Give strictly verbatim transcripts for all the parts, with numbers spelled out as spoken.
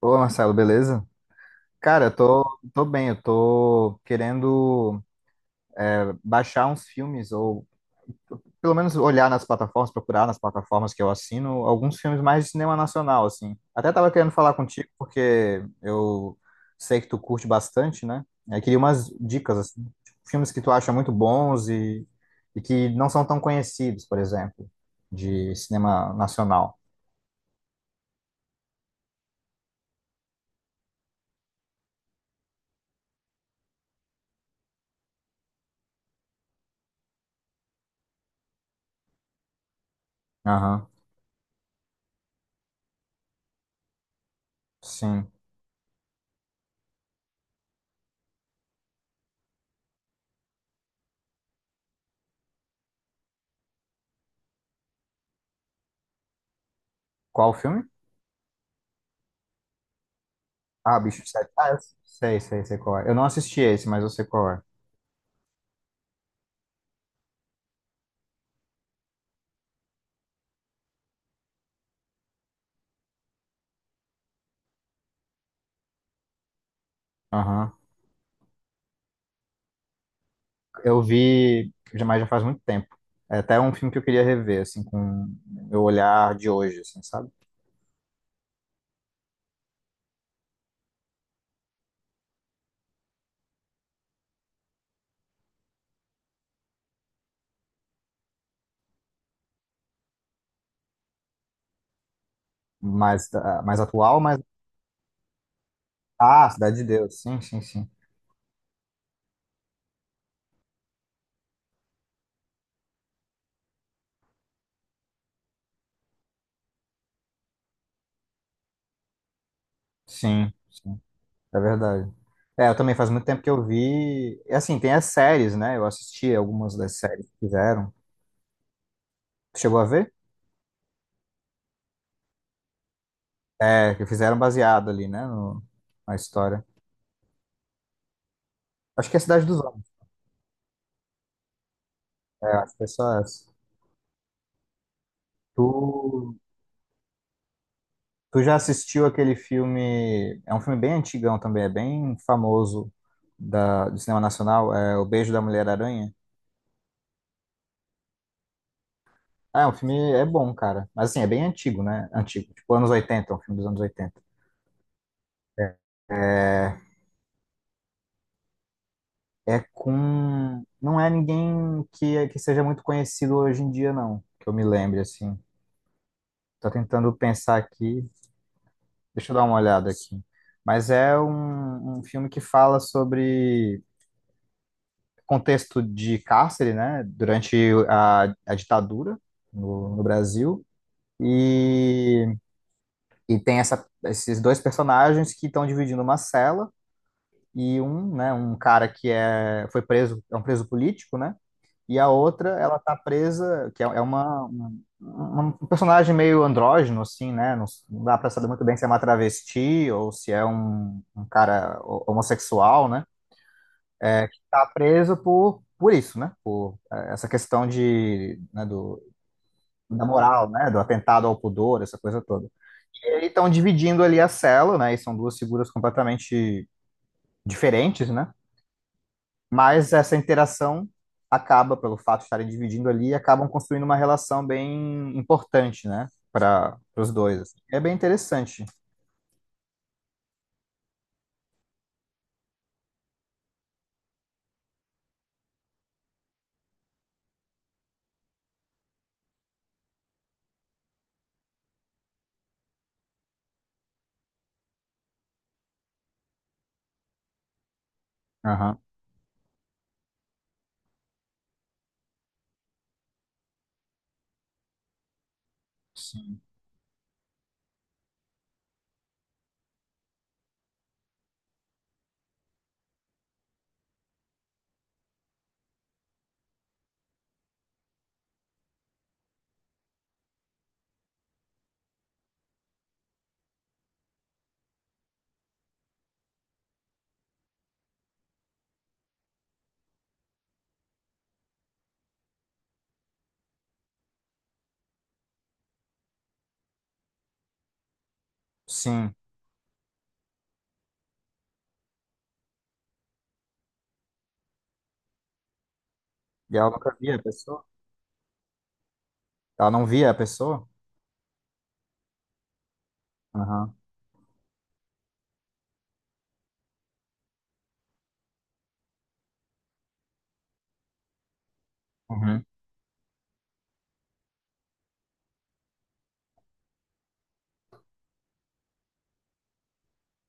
Ô, Marcelo, beleza? Cara, eu tô, tô bem, eu tô querendo baixar uns filmes, ou pelo menos olhar nas plataformas, procurar nas plataformas que eu assino, alguns filmes mais de cinema nacional, assim. Até tava querendo falar contigo, porque eu sei que tu curte bastante, né? Eu queria umas dicas, assim, de filmes que tu acha muito bons e, e que não são tão conhecidos, por exemplo, de cinema nacional. Aham, sim. Qual o filme? Ah, Bicho de Sete. Ah, eu sei, sei, sei qual é. Eu não assisti esse, mas eu sei qual é. Aham. Eu vi, já mas já faz muito tempo. É até um filme que eu queria rever, assim, com meu olhar de hoje, assim, sabe? Mais, ah, mais atual, mas. Ah, Cidade de Deus. Sim, sim, sim. Sim, sim. É verdade. É, eu também faz muito tempo que eu vi. E, assim, tem as séries, né? Eu assisti algumas das séries que fizeram. Chegou a ver? É, que fizeram baseado ali, né? No- na história. Acho que é a Cidade dos Homens. É, acho que é só essa. Tu, tu já assistiu aquele filme? É um filme bem antigão também, é bem famoso da, do cinema nacional, é O Beijo da Mulher-Aranha. Ah, é um filme, é bom, cara. Mas assim, é bem antigo, né? Antigo, tipo anos oitenta, é um filme dos anos oitenta. É, é, É com. Não é ninguém que, que seja muito conhecido hoje em dia, não, que eu me lembre, assim. Tô tentando pensar aqui, deixa eu dar uma olhada aqui. Mas é um, um filme que fala sobre contexto de cárcere, né, durante a, a ditadura no, no Brasil. E, e tem essa, esses dois personagens que estão dividindo uma cela e um, né, um cara que é, foi preso, é um preso político, né? E a outra, ela tá presa, que é, é uma, uma- um um personagem meio andrógeno, assim, né? Não, não dá pra saber muito bem se é uma travesti ou se é um, um cara ho- homossexual, né? Tá preso por, por isso, né? Por eh, essa questão de, né, do, da moral, né? Do atentado ao pudor, essa coisa toda. E aí estão dividindo ali a cela, né? E são duas figuras completamente diferentes, né? Mas essa interação acaba, pelo fato de estarem dividindo ali, acabam construindo uma relação bem importante, né? Para os dois, assim. É bem interessante. Aham. Sim. Sim. E ela nunca via a pessoa? Ela não via a pessoa? Aham. Uhum.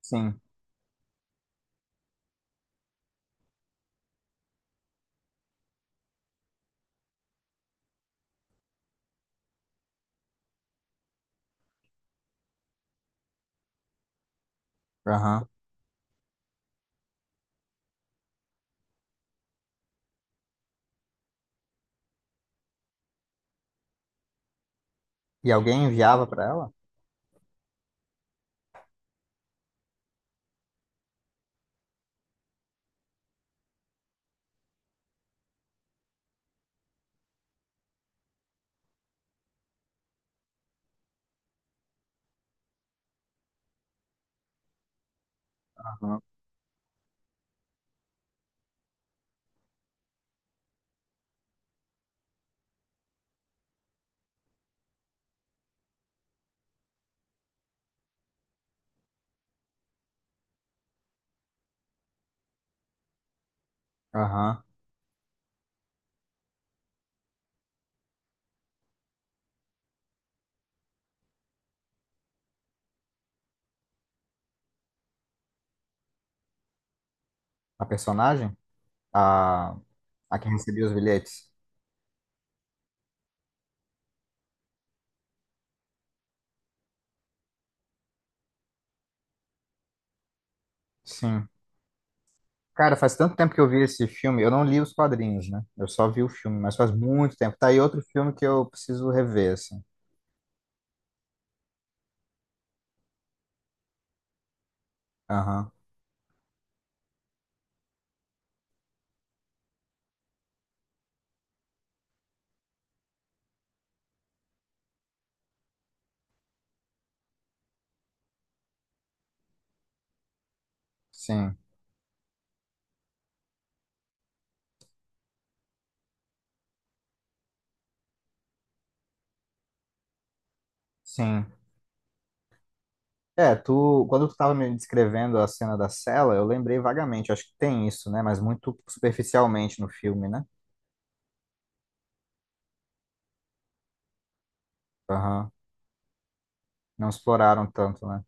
Sim. Aham. E alguém enviava pra ela? Aham. Aham. A personagem? A... a que recebia os bilhetes? Sim. Cara, faz tanto tempo que eu vi esse filme. Eu não li os quadrinhos, né? Eu só vi o filme, mas faz muito tempo. Tá aí outro filme que eu preciso rever, assim. Aham. Sim. Sim. É, tu, quando tu tava me descrevendo a cena da cela, eu lembrei vagamente, acho que tem isso, né? Mas muito superficialmente no filme, né? Aham. Não exploraram tanto, né?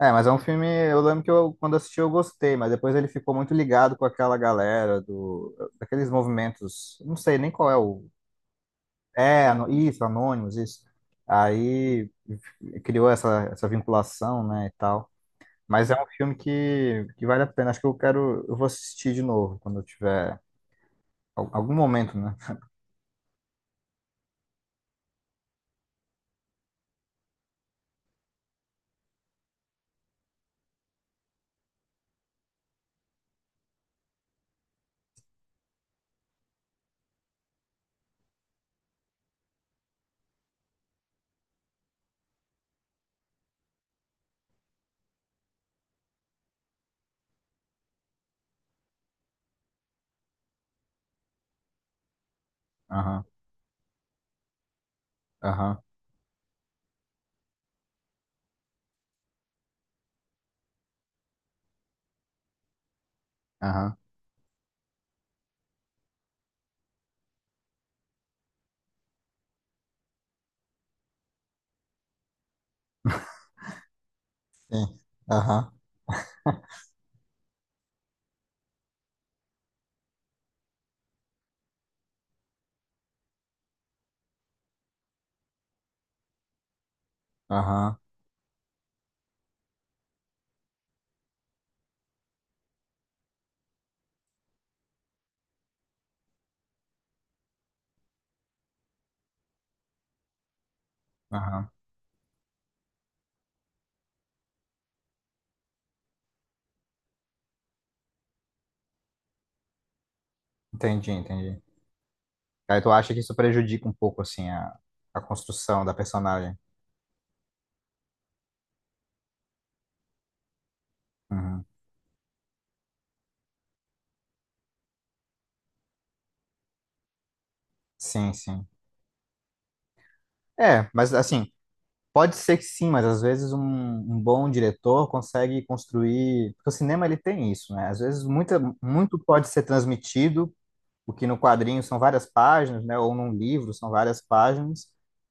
É, mas é um filme. Eu lembro que eu, quando assisti eu gostei, mas depois ele ficou muito ligado com aquela galera do, daqueles movimentos. Não sei nem qual é o. É, ano- isso, Anônimos, isso. Aí criou essa, essa vinculação, né, e tal. Mas é um filme que, que vale a pena. Acho que eu quero. Eu vou assistir de novo quando eu tiver al- algum momento, né? Aham, aham, aham. Sim. Aham, aham, aham. Entendi, entendi. Aí tu acha que isso prejudica um pouco, assim, a, a construção da personagem? Uhum. Sim, sim. É, mas assim, pode ser que sim, mas às vezes um, um bom diretor consegue construir. Porque o cinema ele tem isso, né? Às vezes muita, muito pode ser transmitido, o que no quadrinho são várias páginas, né? Ou num livro são várias páginas.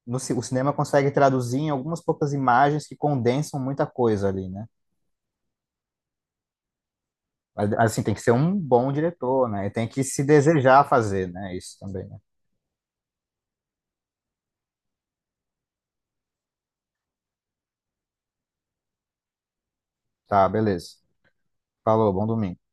No, ci- O cinema consegue traduzir em algumas poucas imagens que condensam muita coisa ali, né? Mas, assim, tem que ser um bom diretor, né? E tem que se desejar fazer, né? Isso também, né? Tá, beleza. Falou, bom domingo.